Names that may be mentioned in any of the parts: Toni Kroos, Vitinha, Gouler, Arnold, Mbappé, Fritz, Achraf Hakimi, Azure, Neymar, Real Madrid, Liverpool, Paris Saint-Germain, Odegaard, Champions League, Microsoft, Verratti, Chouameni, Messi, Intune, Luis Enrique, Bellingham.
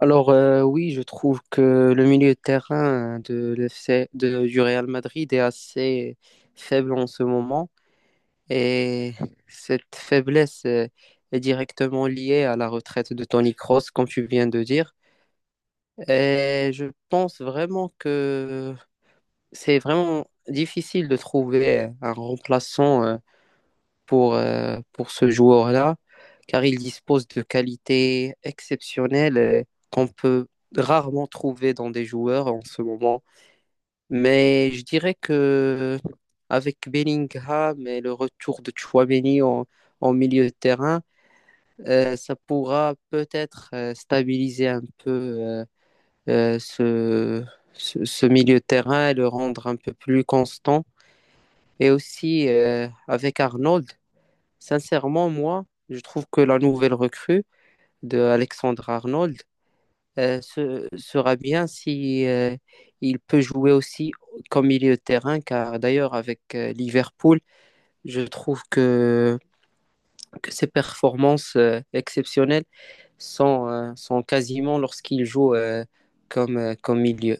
Oui, je trouve que le milieu de terrain de l'FC du Real Madrid est assez faible en ce moment et cette faiblesse est directement liée à la retraite de Toni Kroos, comme tu viens de dire. Et je pense vraiment que c'est vraiment difficile de trouver un remplaçant pour ce joueur-là, car il dispose de qualités exceptionnelles qu'on peut rarement trouver dans des joueurs en ce moment. Mais je dirais que avec Bellingham et le retour de Chouameni en milieu de terrain, ça pourra peut-être stabiliser un peu euh, ce, ce milieu de terrain et le rendre un peu plus constant. Et aussi avec Arnold, sincèrement, moi, je trouve que la nouvelle recrue de Alexandre Arnold sera bien si il peut jouer aussi comme milieu de terrain, car d'ailleurs avec Liverpool, je trouve que ses performances exceptionnelles sont quasiment lorsqu'il joue comme milieu.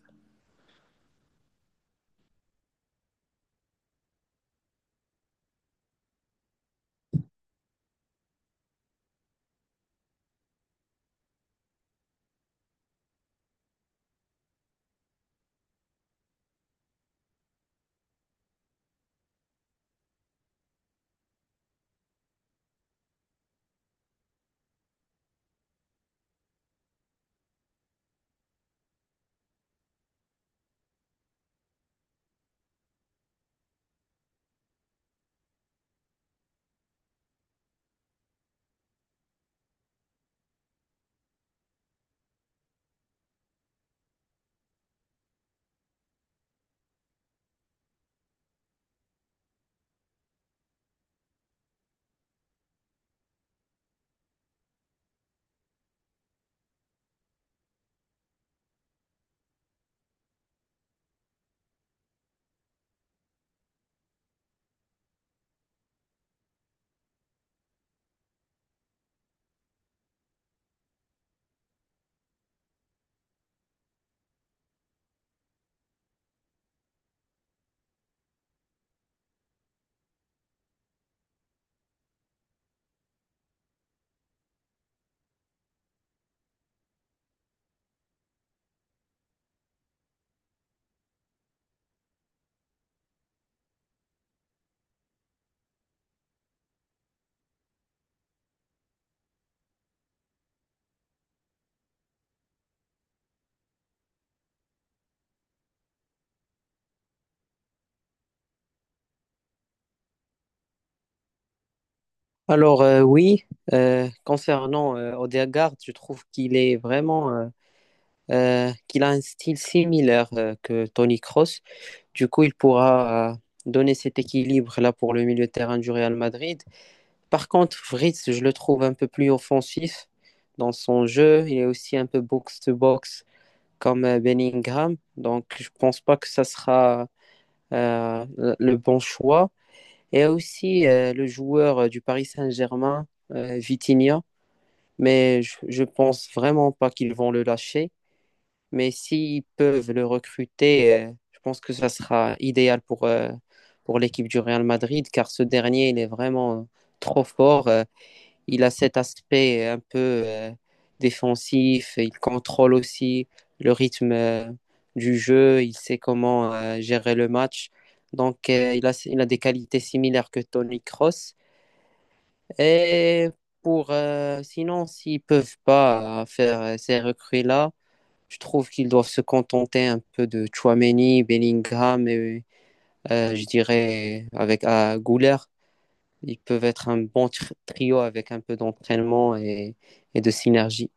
Oui, concernant Odegaard, je trouve qu'il est vraiment qu'il a un style similaire que Tony Kroos. Du coup, il pourra donner cet équilibre là pour le milieu de terrain du Real Madrid. Par contre, Fritz, je le trouve un peu plus offensif dans son jeu. Il est aussi un peu box-to-box comme Bellingham. Donc, je pense pas que ça sera euh, le bon choix. Et aussi le joueur du Paris Saint-Germain, Vitinha. Mais je pense vraiment pas qu'ils vont le lâcher. Mais s'ils peuvent le recruter, je pense que ça sera idéal pour l'équipe du Real Madrid, car ce dernier, il est vraiment trop fort. Il a cet aspect un peu défensif, il contrôle aussi le rythme du jeu, il sait comment gérer le match. Donc, il a des qualités similaires que Toni Kroos. Et sinon, s'ils ne peuvent pas faire ces recrues-là, je trouve qu'ils doivent se contenter un peu de Chouameni, Bellingham et je dirais avec Gouler. Ils peuvent être un bon trio avec un peu d'entraînement et de synergie.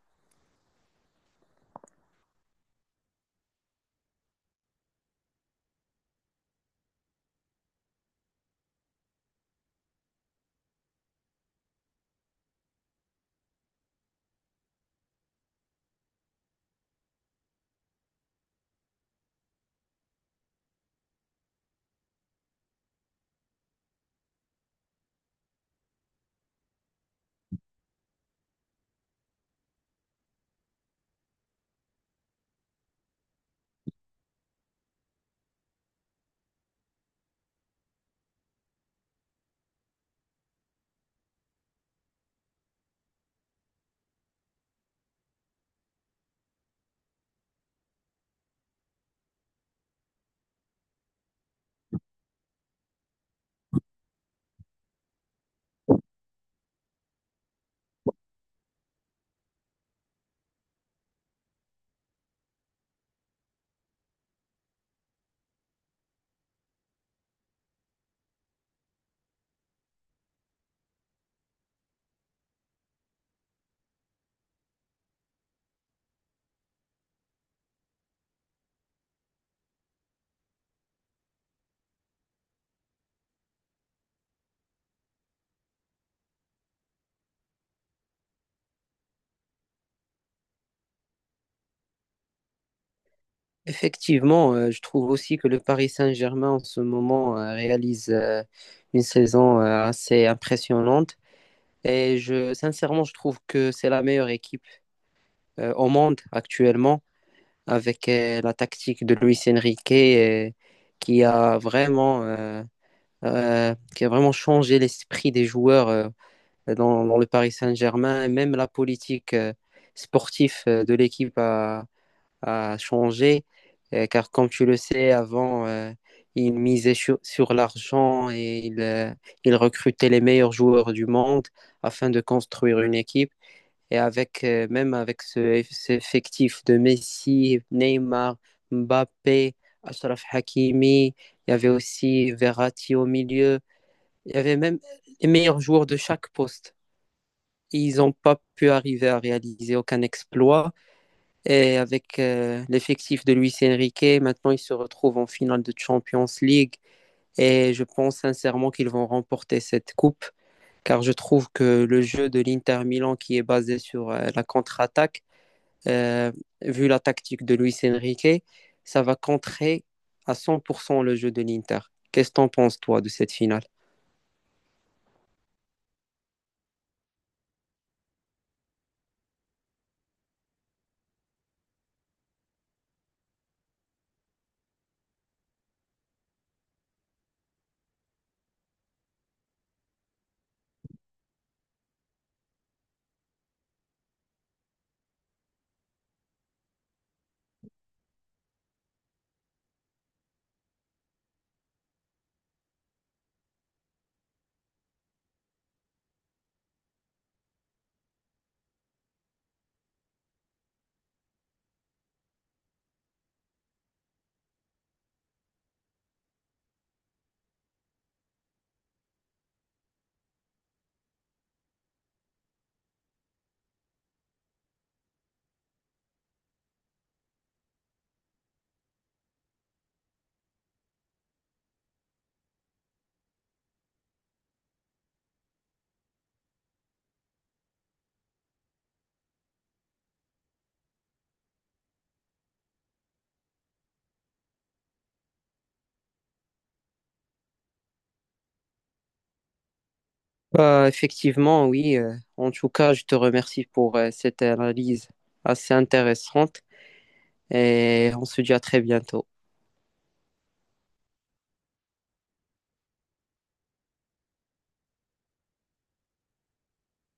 Effectivement, je trouve aussi que le Paris Saint-Germain en ce moment réalise une saison assez impressionnante. Et sincèrement, je trouve que c'est la meilleure équipe au monde actuellement, avec la tactique de Luis Enrique qui a vraiment, euh, qui a vraiment changé l'esprit des joueurs dans le Paris Saint-Germain. Même la politique sportive a changé. Car comme tu le sais, avant, sur l'argent il recrutait les meilleurs joueurs du monde afin de construire une équipe. Et avec, même avec ce effectif de Messi, Neymar, Mbappé, Achraf Hakimi, il y avait aussi Verratti au milieu. Il y avait même les meilleurs joueurs de chaque poste. Ils n'ont pas pu arriver à réaliser aucun exploit. Et avec l'effectif de Luis Enrique, maintenant ils se retrouvent en finale de Champions League. Et je pense sincèrement qu'ils vont remporter cette coupe, car je trouve que le jeu de l'Inter Milan, qui est basé sur la contre-attaque, euh, vu la tactique de Luis Enrique, ça va contrer à 100% le jeu de l'Inter. Qu'est-ce que t'en penses, toi, de cette finale? Bah, effectivement, oui. En tout cas, je te remercie pour cette analyse assez intéressante et on se dit à très bientôt.